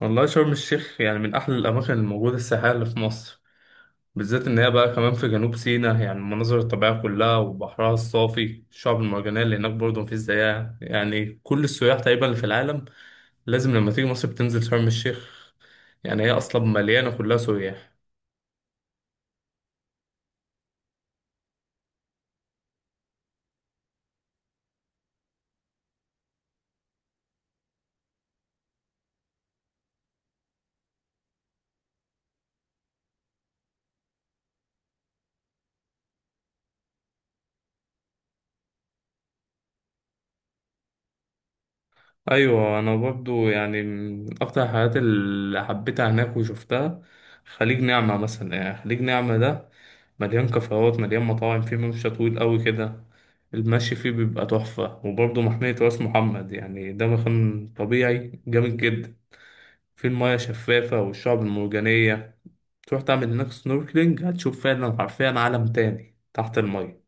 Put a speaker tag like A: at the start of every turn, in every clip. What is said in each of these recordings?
A: والله شرم الشيخ يعني من أحلى الأماكن الموجودة السياحية اللي في مصر، بالذات إن هي بقى كمان في جنوب سيناء. يعني المناظر الطبيعية كلها وبحرها الصافي الشعب المرجانية اللي هناك برضه مفيش زيها، يعني كل السياح تقريبا اللي في العالم لازم لما تيجي مصر بتنزل شرم الشيخ. يعني هي أصلا مليانة كلها سياح. ايوه انا برضو يعني من اكتر الحاجات اللي حبيتها هناك وشفتها خليج نعمة مثلا. يعني خليج نعمة ده مليان كافيهات مليان مطاعم، فيه ممشى طويل قوي كده المشي فيه بيبقى تحفة. وبرضو محمية راس محمد، يعني ده مكان طبيعي جامد جدا، فيه المياه شفافة والشعب المرجانية. تروح تعمل هناك سنوركلينج هتشوف فعلا حرفيا عالم تاني تحت المية.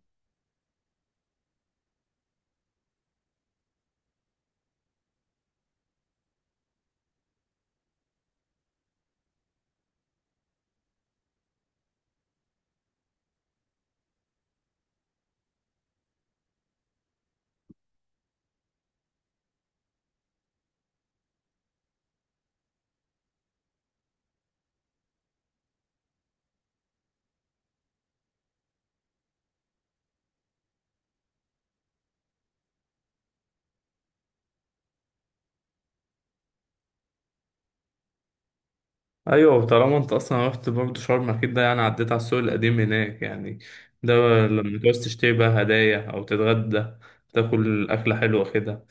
A: ايوه طالما انت اصلا رحت برضه شرم اكيد ده يعني عديت على السوق القديم هناك. يعني ده لما تعوز تشتري بقى هدايا او تتغدى تاكل اكله حلوه كده،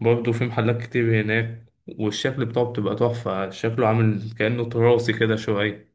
A: برضه في محلات كتير هناك، والشكل بتاعه بتبقى تحفه شكله عامل كانه تراثي كده شويه.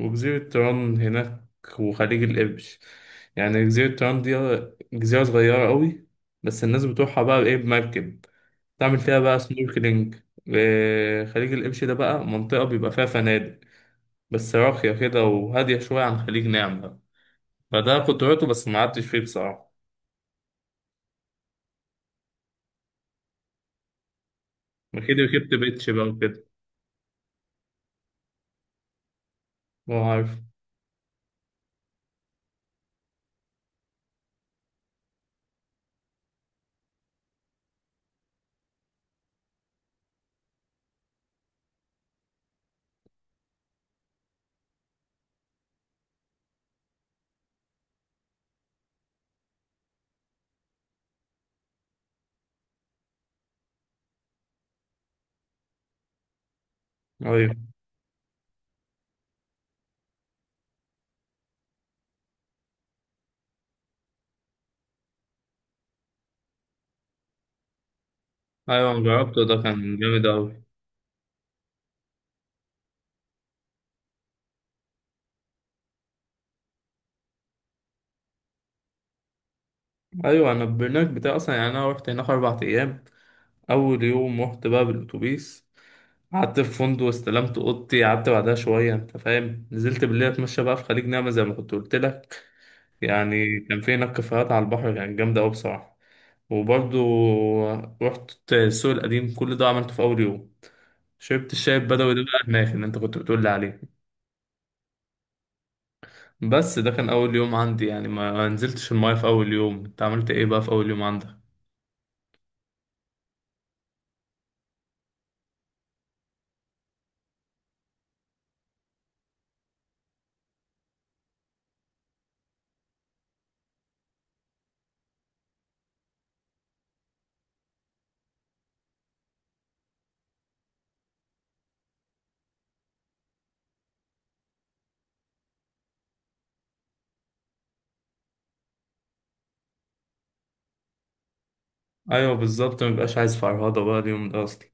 A: وجزيره طيران هناك وخليج القرش. يعني جزيره طيران دي جزيره صغيره قوي، بس الناس بتروحها بقى بايه بمركب تعمل فيها بقى سنوركلينج. خليج القرش ده بقى منطقه بيبقى فيها فنادق بس راقية كده وهادية شوية عن خليج نعمة، فده كنت روحته بس ما قعدتش فيه بصراحة. أكيد ركبت بيتش بقى وكده. هو عارف. أيوة. أيوة أنا جربته ده كان جامد أوي. أيوة أنا البرنامج بتاعي أصلا، يعني أنا روحت هناك 4 أيام. أول يوم رحت بقى بالأتوبيس، قعدت في فندق استلمت أوضتي، قعدت بعدها شوية أنت فاهم، نزلت بالليل أتمشى بقى في خليج نعمة زي ما كنت قلت لك. يعني كان في هناك كافيهات على البحر كانت جامدة أوي بصراحة. وبرضه رحت السوق القديم، كل ده عملته في أول يوم. شربت الشاي البدوي ده بقى هناك اللي انت كنت بتقول لي عليه. بس ده كان اول يوم عندي، يعني ما نزلتش المايه في اول يوم. انت عملت ايه بقى في اول يوم عندك؟ ايوه بالظبط ما بيبقاش عايز فرهضه بقى اليوم ده اصلا.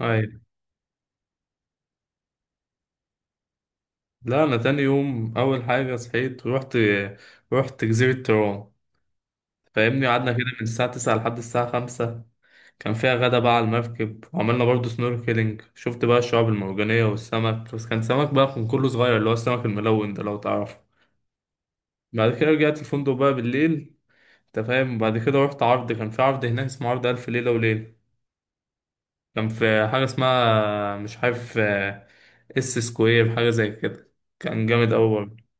A: ايوه لا انا تاني يوم اول حاجه صحيت ورحت، رحت جزيره ترون فاهمني، قعدنا كده من الساعه 9 لحد الساعه 5. كان فيها غدا بقى على المركب وعملنا برضه سنوركلينج، شفت بقى الشعاب المرجانيه والسمك، بس كان سمك بقى كان كله صغير اللي هو السمك الملون ده لو تعرفه. بعد كده رجعت الفندق بقى بالليل انت فاهم. بعد كده رحت عرض، كان في عرض هناك اسمه عرض ألف ليلة وليلة. كان في حاجة اسمها مش عارف اس سكوير حاجة زي كده، كان جامد أوي برضه.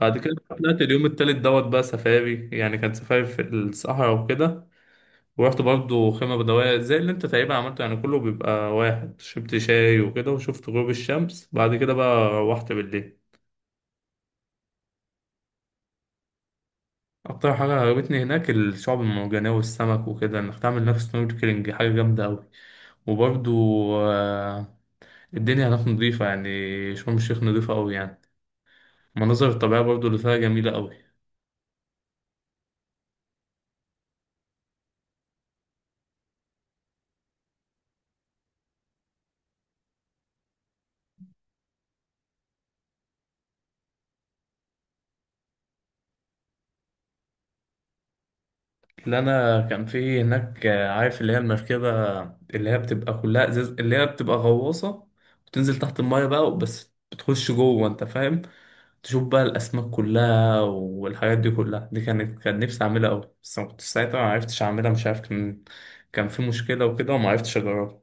A: بعد كده طلعت اليوم التالت دوت بقى سفاري، يعني كان سفاري في الصحراء وكده. ورحت برضه خيمة بدوية زي اللي انت تقريبا عملته، يعني كله بيبقى واحد، شربت شاي وكده وشفت غروب الشمس، بعد كده بقى روحت بالليل. اكتر حاجه عجبتني هناك الشعب المرجانيه والسمك وكده، انك تعمل نفس سنوركلينج حاجه جامده قوي. وبرضو آه، الدنيا هناك نظيفه، يعني شرم الشيخ نظيفه قوي يعني. المناظر الطبيعيه برضو اللي فيها جميله قوي. اللي انا كان في هناك عارف اللي هي المركبه اللي هي بتبقى كلها ازاز اللي هي بتبقى غواصه، وتنزل تحت المايه بقى بس بتخش جوه انت فاهم، تشوف بقى الاسماك كلها والحاجات دي كلها. دي كانت نفسي اعملها قوي، بس ما كنتش ساعتها ما عرفتش اعملها، مش عارف كان في مشكله وكده وما عرفتش اجربها.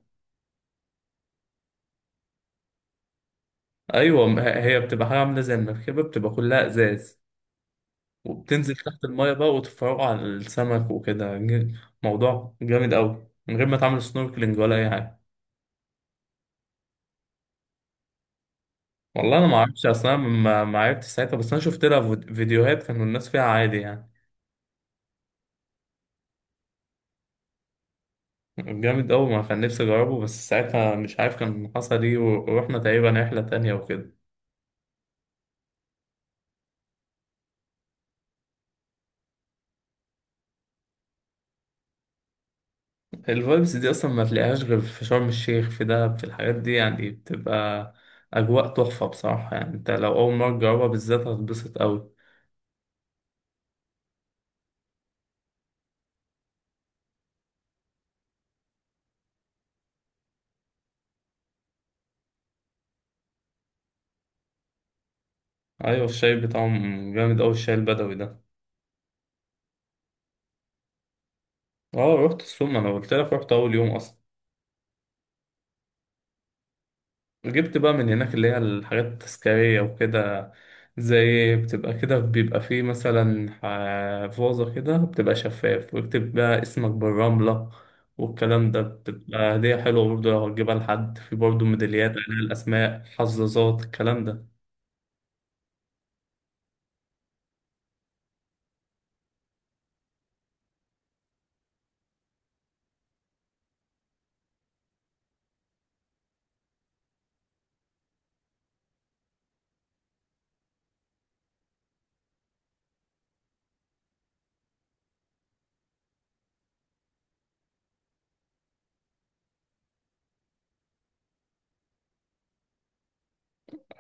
A: ايوه ما هي هي بتبقى حاجه عامله زي المركبه بتبقى كلها ازاز، وبتنزل تحت المايه بقى وتتفرجوا على السمك وكده موضوع جامد قوي من غير ما تعمل سنوركلينج ولا اي حاجه. والله انا ما اعرفش اصلا، ما عرفتش ساعتها، بس انا شفت لها فيديوهات كانوا الناس فيها عادي يعني. جامد قوي ما كان نفسي اجربه، بس ساعتها مش عارف كان حصل ايه ورحنا تقريبا رحله تانية وكده. الفايبس دي اصلا ما تلاقيهاش غير في شرم الشيخ في دهب، في الحاجات دي يعني بتبقى اجواء تحفه بصراحه، يعني انت لو اول مره تجربها بالذات هتتبسط قوي. ايوه الشاي بتاعهم جامد قوي الشاي البدوي ده. اه رحت السوق، ما انا قلت لك رحت اول يوم اصلا. جبت بقى من هناك اللي هي الحاجات التذكارية وكده، زي بتبقى كده بيبقى فيه مثلا فوزة كده بتبقى شفاف ويكتب بقى اسمك بالرملة والكلام ده، بتبقى هدية حلوة برضه لو هتجيبها لحد. في برضه ميداليات عليها الأسماء حظاظات الكلام ده.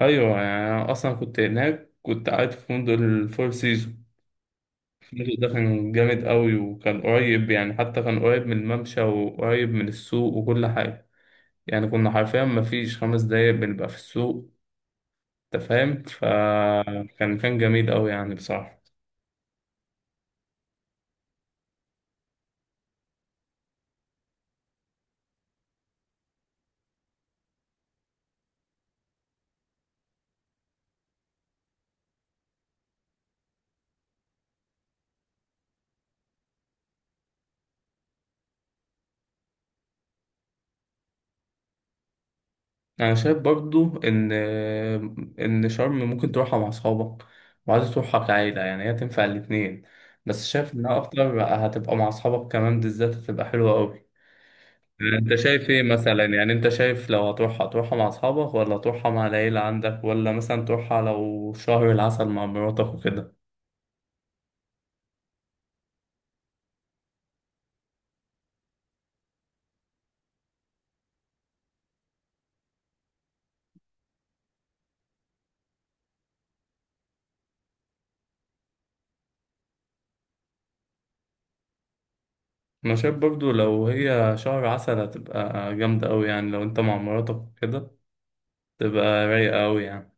A: أيوة يعني أنا أصلا كنت هناك كنت قاعد في فندق الفور سيزون. الفندق ده كان جامد قوي، وكان قريب، يعني حتى كان قريب من الممشى وقريب من السوق وكل حاجة، يعني كنا حرفيا مفيش 5 دقايق بنبقى في السوق انت فاهم. فكان جميل قوي يعني بصراحة. انا شايف برضو ان شرم ممكن تروحها مع اصحابك، وعايز تروحها كعيلة، يعني هي تنفع الاتنين، بس شايف انها اكتر هتبقى مع اصحابك، كمان بالذات هتبقى حلوة قوي. انت شايف ايه مثلا؟ يعني انت شايف لو هتروحها تروحها مع اصحابك، ولا تروحها مع العيلة عندك، ولا مثلا تروحها لو شهر العسل مع مراتك وكده؟ انا شايف برضو لو هي شهر عسل هتبقى جامدة أوي، يعني لو أنت مع مراتك كده تبقى رايقة أوي يعني.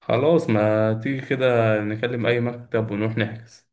A: خلاص ما تيجي كده، نكلم أي مكتب ونروح نحجز.